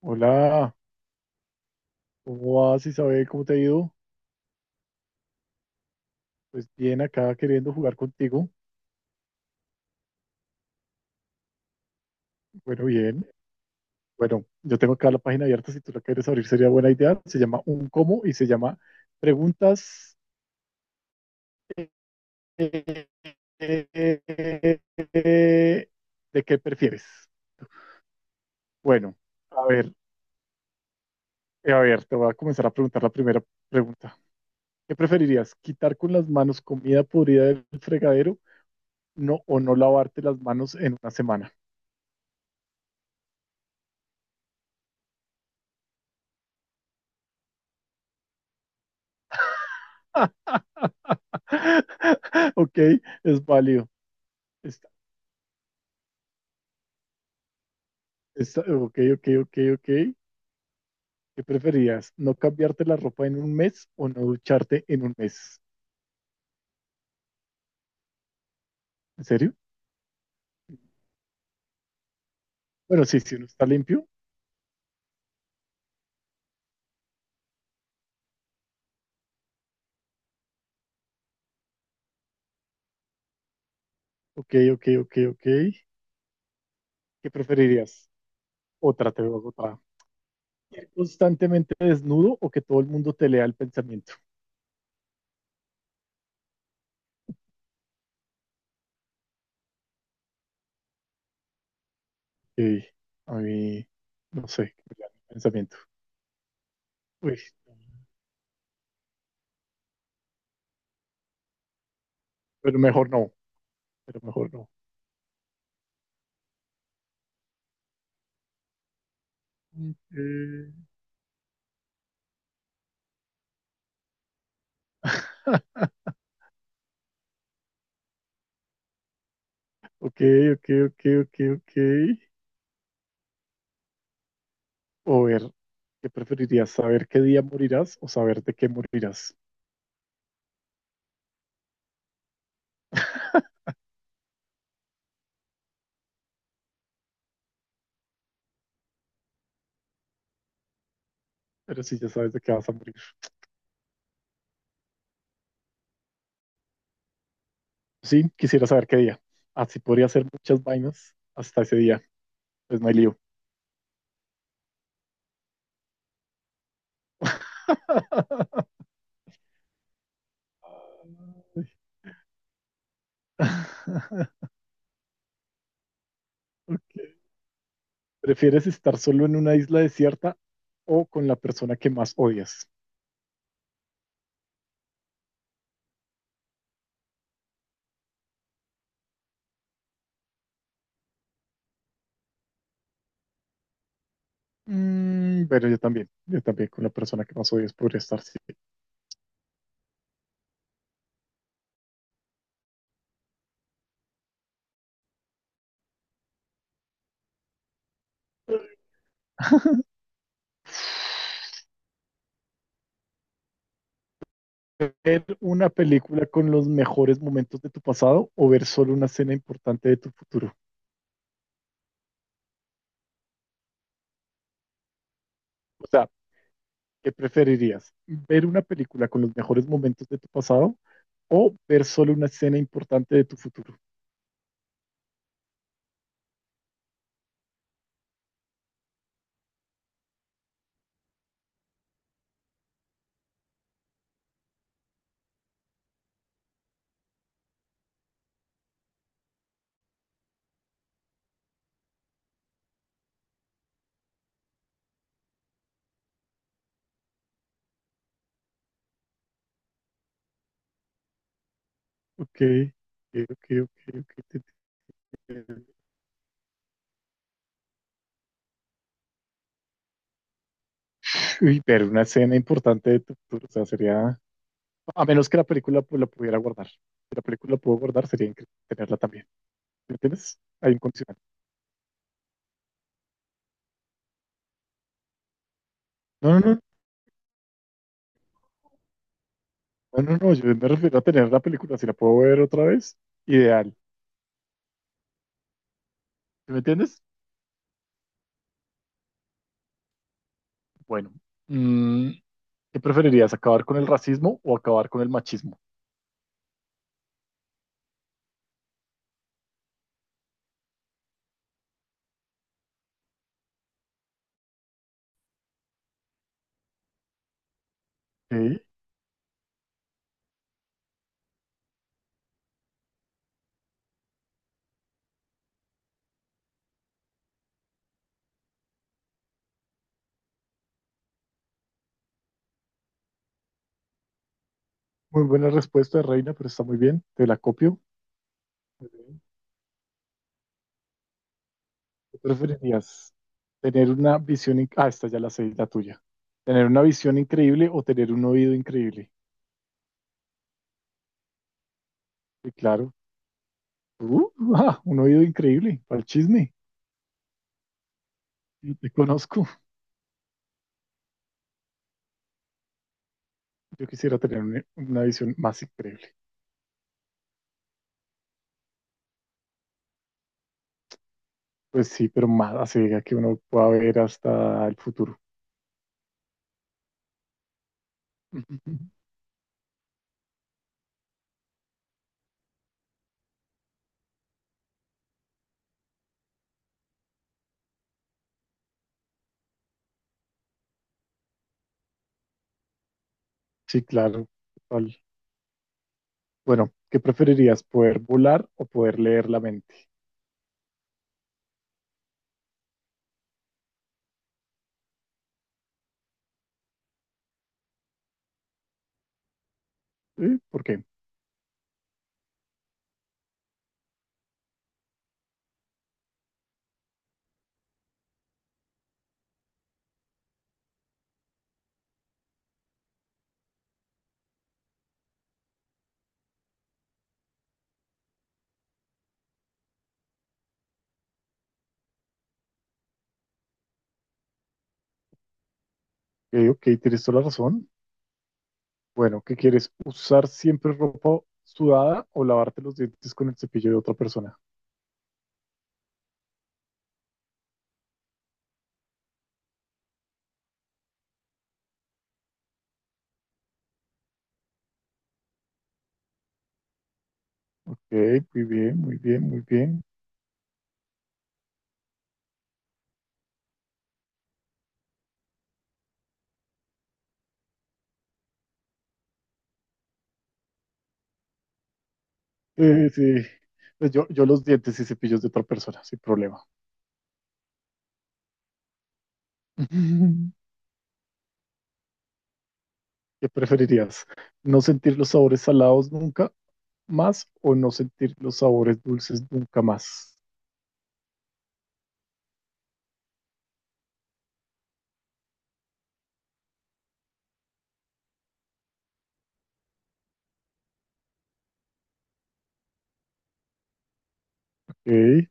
Hola, ¿cómo vas, Isabel? ¿Cómo te ha ido? Pues bien, acá queriendo jugar contigo. Bueno, bien. Bueno, yo tengo acá la página abierta, si tú la quieres abrir sería buena idea. Se llama Un Cómo y se llama Preguntas eh, de qué prefieres. Bueno, a ver, a ver, te voy a comenzar a preguntar la primera pregunta. ¿Qué preferirías? ¿Quitar con las manos comida podrida del fregadero? No, o no lavarte las manos en una semana. Ok, es válido. Está- ok, ok, ok, ok. ¿Qué preferías? ¿No cambiarte la ropa en un mes o no ducharte en un mes? ¿En serio? Bueno, sí, si uno está limpio. Ok, ok, ok, ok. ¿Qué preferirías? Otra, te veo otra. ¿Ir constantemente desnudo o que todo el mundo te lea el pensamiento? Ok, a mí, no sé, que me lean el pensamiento. Uy, pero mejor no, pero mejor no. Ok, ok, ok, ok, ok. O ver, ¿qué preferirías? ¿Saber qué día morirás o saber de qué morirás? Pero si ya sabes de qué vas a morir. Sí, quisiera saber qué día. Así podría hacer muchas vainas hasta ese día. Pues no hay lío. Ok. ¿Prefieres estar solo en una isla desierta o con la persona que más odias? Mm, pero yo también con la persona que más odias podría estar, sí. ¿Ver una película con los mejores momentos de tu pasado o ver solo una escena importante de tu futuro? O sea, ¿qué preferirías? ¿Ver una película con los mejores momentos de tu pasado o ver solo una escena importante de tu futuro? Ok, ok, ok, ok. Ok, te entiendo. Uy, ver una escena importante de tu futuro, o sea, sería, a menos que la película pues, la pudiera guardar. Si la película la puedo guardar, sería increíble tenerla también. ¿Me entiendes? Hay un condicional. No, no, no, no, no, no, yo me refiero a tener la película, si la puedo ver otra vez, ideal. ¿Sí? ¿Me entiendes? Bueno, mm, ¿qué preferirías, acabar con el racismo o acabar con el machismo? Sí, muy buena respuesta, Reina, pero está muy bien, te la copio. Muy bien. ¿Qué preferirías? ¿Tener una visión... in- Ah, esta ya la sé, la tuya. ¿Tener una visión increíble o tener un oído increíble? Sí, claro. Uh, ah, un oído increíble, para el chisme. Yo te conozco. Yo quisiera tener una visión más increíble. Pues sí, pero más así diga que uno pueda ver hasta el futuro. Sí, claro, total. Bueno, ¿qué preferirías, poder volar o poder leer la mente? ¿Eh? ¿Por qué? Ok, ok, tienes toda la razón. Bueno, ¿qué quieres? ¿Usar siempre ropa sudada o lavarte los dientes con el cepillo de otra persona? Ok, muy bien, muy bien, muy bien. Sí, pues yo los dientes y cepillos de otra persona, sin problema. ¿Qué preferirías? ¿No sentir los sabores salados nunca más o no sentir los sabores dulces nunca más? Ok,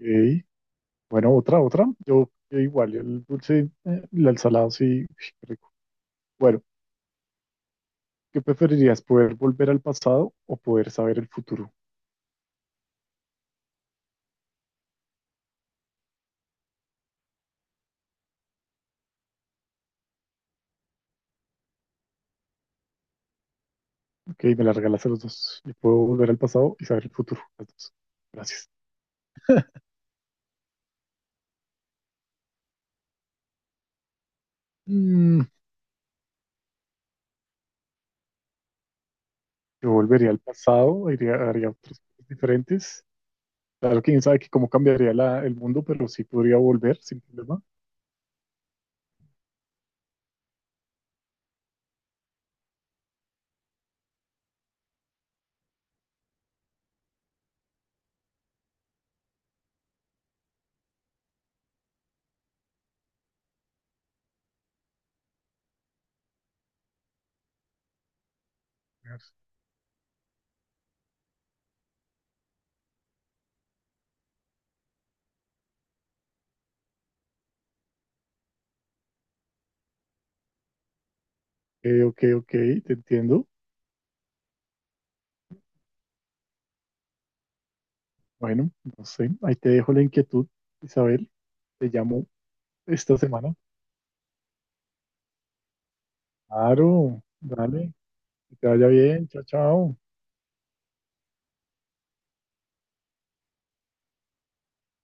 ok. Bueno, otra, otra. Yo igual, el dulce, el al salado sí, uy, qué rico. Bueno, ¿qué preferirías? ¿Poder volver al pasado o poder saber el futuro? Ok, me la regalaste los dos. Yo puedo volver al pasado y saber el futuro. Las dos. Gracias. Mm, yo volvería al pasado, iría, haría otras cosas diferentes. Claro, quién sabe que cómo cambiaría el mundo, pero sí podría volver sin problema. Ok, ok, ok, te entiendo. Bueno, no sé, ahí te dejo la inquietud, Isabel. Te llamo esta semana. Claro, dale, que te vaya bien, chao, chao.